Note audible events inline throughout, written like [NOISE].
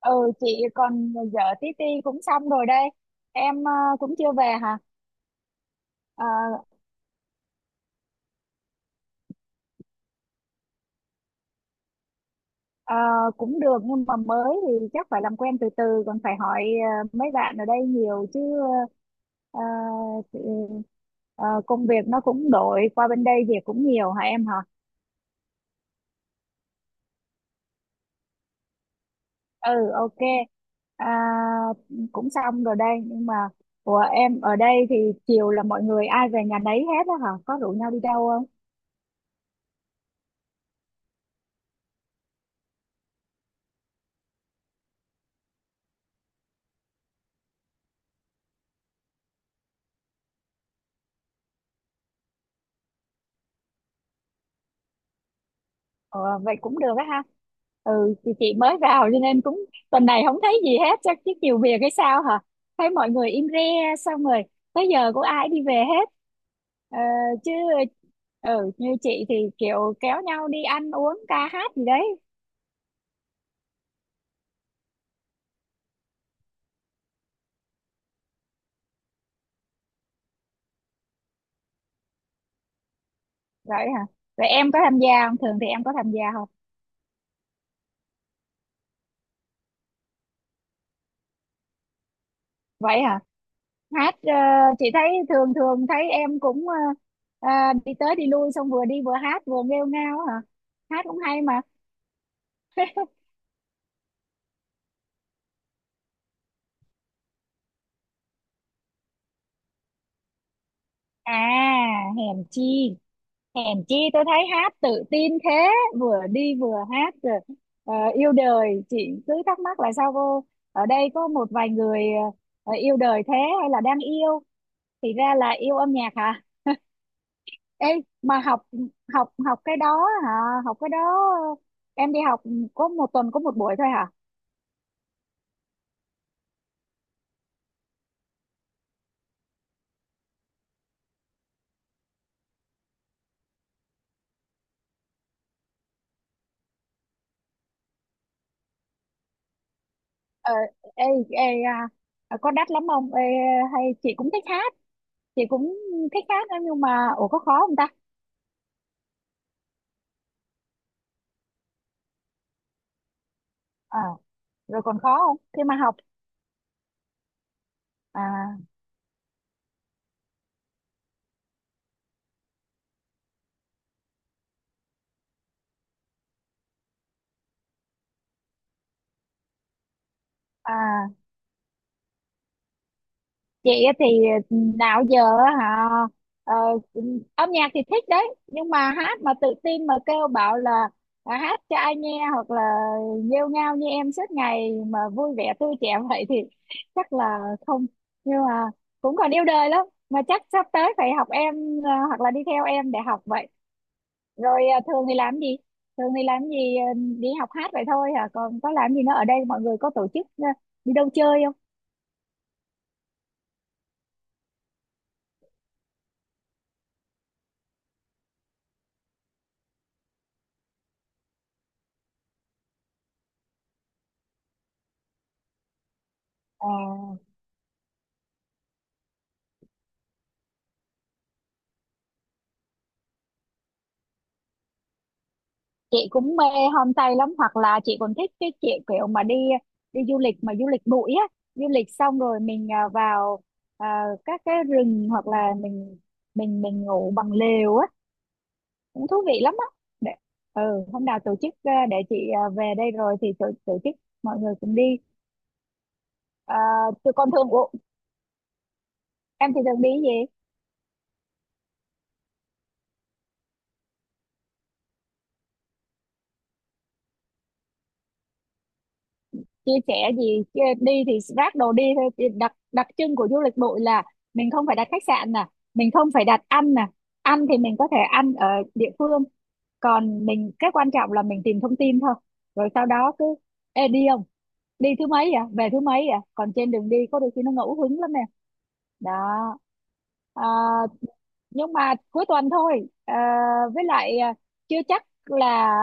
Ừ, chị còn vợ tí ti cũng xong rồi đây. Em cũng chưa về hả? Ờ, ờ, cũng được nhưng mà mới thì chắc phải làm quen từ từ, còn phải hỏi mấy bạn ở đây nhiều chứ. ờ, thì, Công việc nó cũng đổi qua bên đây, việc cũng nhiều hả em hả? Ừ, ok. à, Cũng xong rồi đây, nhưng mà của em ở đây thì chiều là mọi người ai về nhà nấy hết á hả, có rủ nhau đi đâu không? Ờ, Vậy cũng được á ha. Ừ thì chị mới vào cho nên cũng... Tuần này không thấy gì hết, chắc chứ nhiều việc hay sao hả? Thấy mọi người im re, xong rồi tới giờ cũng ai đi về hết. ờ, Chứ ừ như chị thì kiểu kéo nhau đi ăn uống ca hát gì đấy. Vậy hả? Vậy em có tham gia không, thường thì em có tham gia không? Vậy hả? Hát. Ờ, chị thấy thường thường thấy em cũng ờ, đi tới đi lui, xong vừa đi vừa hát vừa nghêu ngao hả? Hát cũng hay mà. À, hèn chi, hèn chi tôi thấy hát tự tin thế. Vừa đi vừa hát rồi yêu đời. Chị cứ thắc mắc là sao cô ở đây có một vài người yêu đời thế, hay là đang yêu. Thì ra là yêu âm nhạc hả? Ê, mà học, học cái đó hả? Học cái đó, em đi học có một tuần có một buổi thôi hả? Ờ, ê, ê à, à, Có đắt lắm không? Hay chị cũng thích hát? Chị cũng thích hát đó, nhưng mà ủa có khó không ta? Ờ, rồi còn khó không khi mà học? À à, chị á thì ừ, nào giờ á hả, ờ, âm nhạc thì thích đấy, nhưng mà hát mà tự tin mà kêu bảo là hát cho ai nghe, hoặc là nghêu ngao như em suốt ngày mà vui vẻ tươi trẻ [LAUGHS] vậy thì chắc là không. Nhưng mà cũng còn yêu đời lắm mà, chắc sắp tới phải học em, hoặc là đi theo em để học vậy. Rồi thường thì làm gì, đi học hát vậy thôi hả, còn có làm gì nữa? Ở đây mọi người có tổ chức đi đâu chơi không? À, chị cũng mê homestay lắm, hoặc là chị còn thích cái kiểu kiểu mà đi, đi du lịch mà du lịch bụi á. Du lịch xong rồi mình vào các cái rừng, hoặc là mình mình ngủ bằng lều á, cũng thú vị lắm á. Để ừ, hôm nào tổ chức để chị về đây rồi thì tổ chức mọi người cùng đi. À, tụi con thường. Ủa, em thì thường đi cái gì? Chia sẻ gì, đi thì ráp đồ đi thôi. Thì đặc, đặc trưng của du lịch bụi là mình không phải đặt khách sạn nè, mình không phải đặt ăn nè, ăn thì mình có thể ăn ở địa phương. Còn mình cái quan trọng là mình tìm thông tin thôi, rồi sau đó cứ ê, đi không, đi thứ mấy à, về thứ mấy à. Còn trên đường đi có đôi khi nó ngẫu hứng lắm nè. Đó. À, nhưng mà cuối tuần thôi với lại chưa chắc là,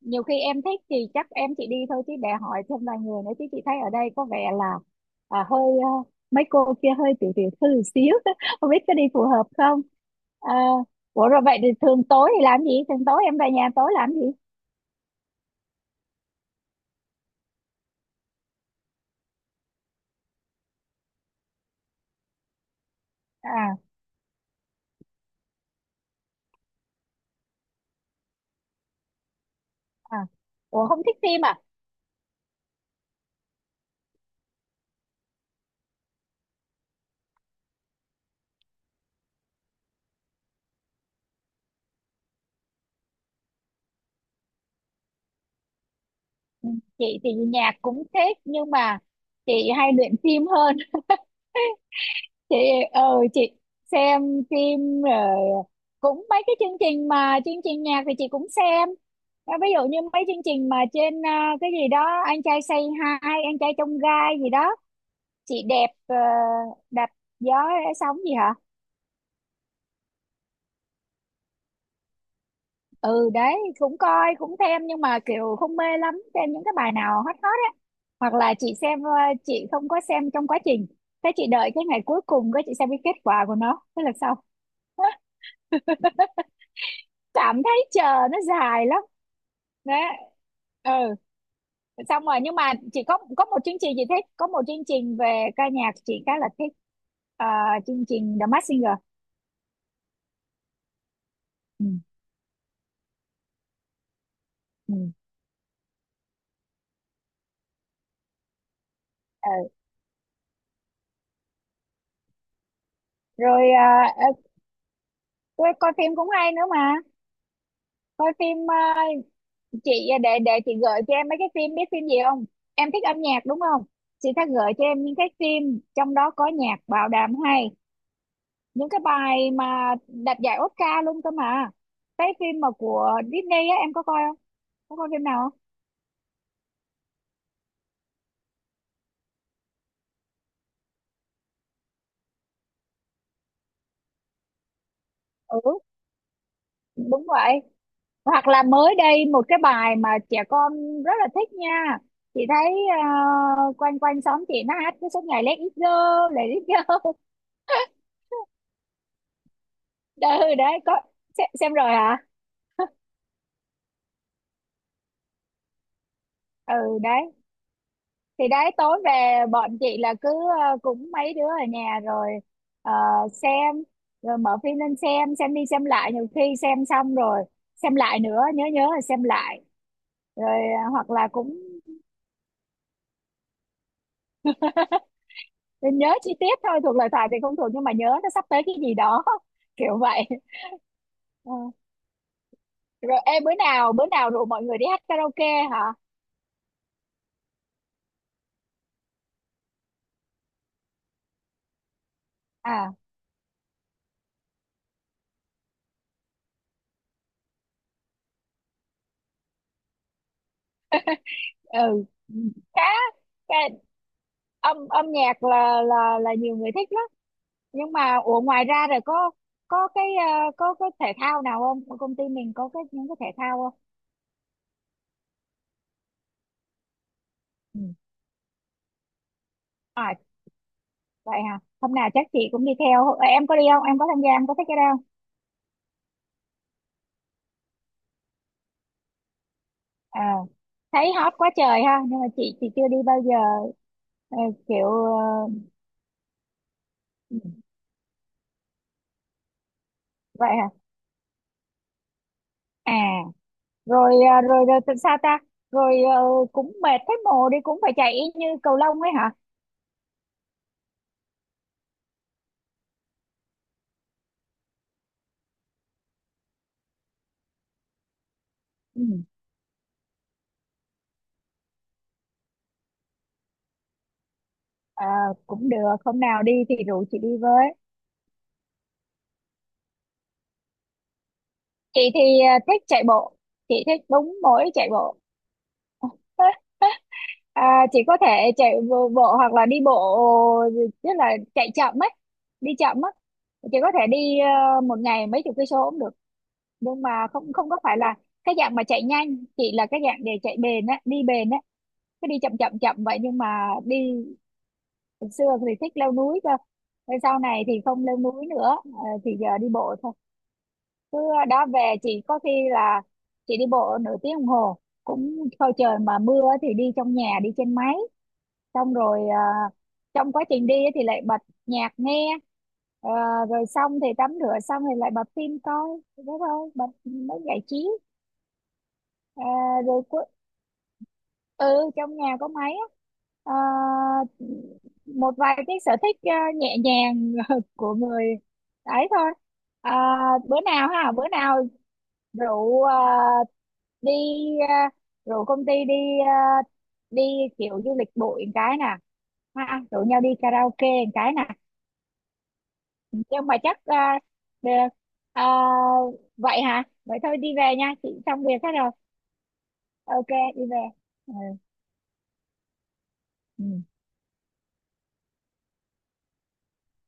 nhiều khi em thích thì chắc em chỉ đi thôi chứ để hỏi thêm vài người nữa, chứ chị thấy ở đây có vẻ là hơi mấy cô kia hơi tiểu tiểu thư một xíu [LAUGHS] không biết có đi phù hợp không. Ờ, ủa rồi vậy thì thường tối thì làm gì, thường tối em về nhà tối làm gì? À à, ủa không thích phim à? Ừ, chị thì nhạc cũng thích, nhưng mà chị hay luyện phim hơn. [LAUGHS] Chị ờ chị xem phim rồi, cũng mấy cái chương trình, mà chương trình nhạc thì chị cũng xem. À, ví dụ như mấy chương trình mà trên cái gì đó, anh trai Say Hi, anh trai trong gai gì đó, chị đẹp đạp gió sóng gì hả. Ừ đấy cũng coi, cũng xem, nhưng mà kiểu không mê lắm, xem những cái bài nào hot hot á, hoặc là chị xem. Ờ, chị không có xem trong quá trình, thế chị đợi cái ngày cuối cùng cái chị xem cái kết quả của nó thế là xong. [LAUGHS] Cảm thấy chờ nó dài lắm. Đấy ừ. Xong rồi, nhưng mà chị có một chương trình chị thích, có một chương trình về ca nhạc chị khá là thích. Ờ, chương trình The Masked Singer. Ừ, ừ, ừ. Rồi tôi coi phim cũng hay nữa mà. Coi phim chị để chị gợi cho em mấy cái phim, biết phim gì không? Em thích âm nhạc đúng không? Chị sẽ gợi cho em những cái phim trong đó có nhạc bảo đảm hay, những cái bài mà đạt giải Oscar luôn cơ mà. Cái phim mà của Disney á, em có coi không, có coi phim nào không? Ừ, đúng vậy. Hoặc là mới đây một cái bài mà trẻ con rất là thích nha. Chị thấy quanh quanh xóm chị nó hát cái suốt ngày Let it go, Let it go. [LAUGHS] Ừ đấy có xem rồi hả. Ừ đấy, thì đấy tối về bọn chị là cứ cũng mấy đứa ở nhà rồi ờ, xem, rồi mở phim lên xem đi xem lại, nhiều khi xem xong rồi xem lại nữa, nhớ nhớ rồi xem lại. Rồi hoặc là cũng nhớ chi tiết thôi, thuộc lời thoại thì không thuộc, nhưng mà nhớ nó sắp tới cái gì đó [LAUGHS] kiểu vậy. Ờ. Rồi em bữa nào rủ mọi người đi hát karaoke hả? À ừ, khá cái âm âm nhạc là là nhiều người thích lắm. Nhưng mà ủa ngoài ra rồi có cái có cái thể thao nào không, công ty mình có cái những cái thể thao không? Ừ. À, vậy hả, hôm nào chắc chị cũng đi theo. Ờ, em có đi không, em có tham gia, em có thích cái đâu không? Ờ, thấy hot quá trời ha, nhưng mà chị chưa đi bao giờ. Ờ, kiểu ờ, ừ, vậy hả. À, rồi ờ, rồi rồi sao ta? Rồi cũng mệt thấy mồ, đi cũng phải chạy y như cầu lông ấy hả? Ừ. Ờ, cũng được, hôm nào đi thì rủ chị đi với. Chị thì thích chạy bộ, chị thích đúng mỗi chạy bộ. [LAUGHS] À, chị có thể chạy bộ hoặc là đi bộ, tức là chạy chậm ấy, đi chậm á. Chị có thể đi một ngày mấy chục cây số cũng được. Nhưng mà không, không có phải là cái dạng mà chạy nhanh, chị là cái dạng để chạy bền á, đi bền á, cứ đi chậm chậm chậm vậy, nhưng mà đi. Hồi xưa thì thích leo núi cơ, thế sau này thì không leo núi nữa thì giờ đi bộ thôi. Mưa đó về chị có khi là chị đi bộ nửa tiếng đồng hồ cũng thôi. Trời mà mưa thì đi trong nhà, đi trên máy, xong rồi trong quá trình đi thì lại bật nhạc nghe. Ờ, rồi xong thì tắm rửa, xong thì lại bật phim coi, thế thôi, bật mới giải trí. Ờ, rồi ừ trong nhà có máy á. Ờ, một vài cái sở thích nhẹ nhàng [LAUGHS] của người ấy thôi. À, bữa nào ha, bữa nào rượu đi à, rượu công ty đi, à, đi kiểu du lịch bụi một cái nè, ha, rủ nhau đi karaoke một cái nè, nhưng mà chắc được. À, vậy hả, vậy thôi đi về nha, chị xong việc hết rồi. Ok. đi về. Ừ. Ừ.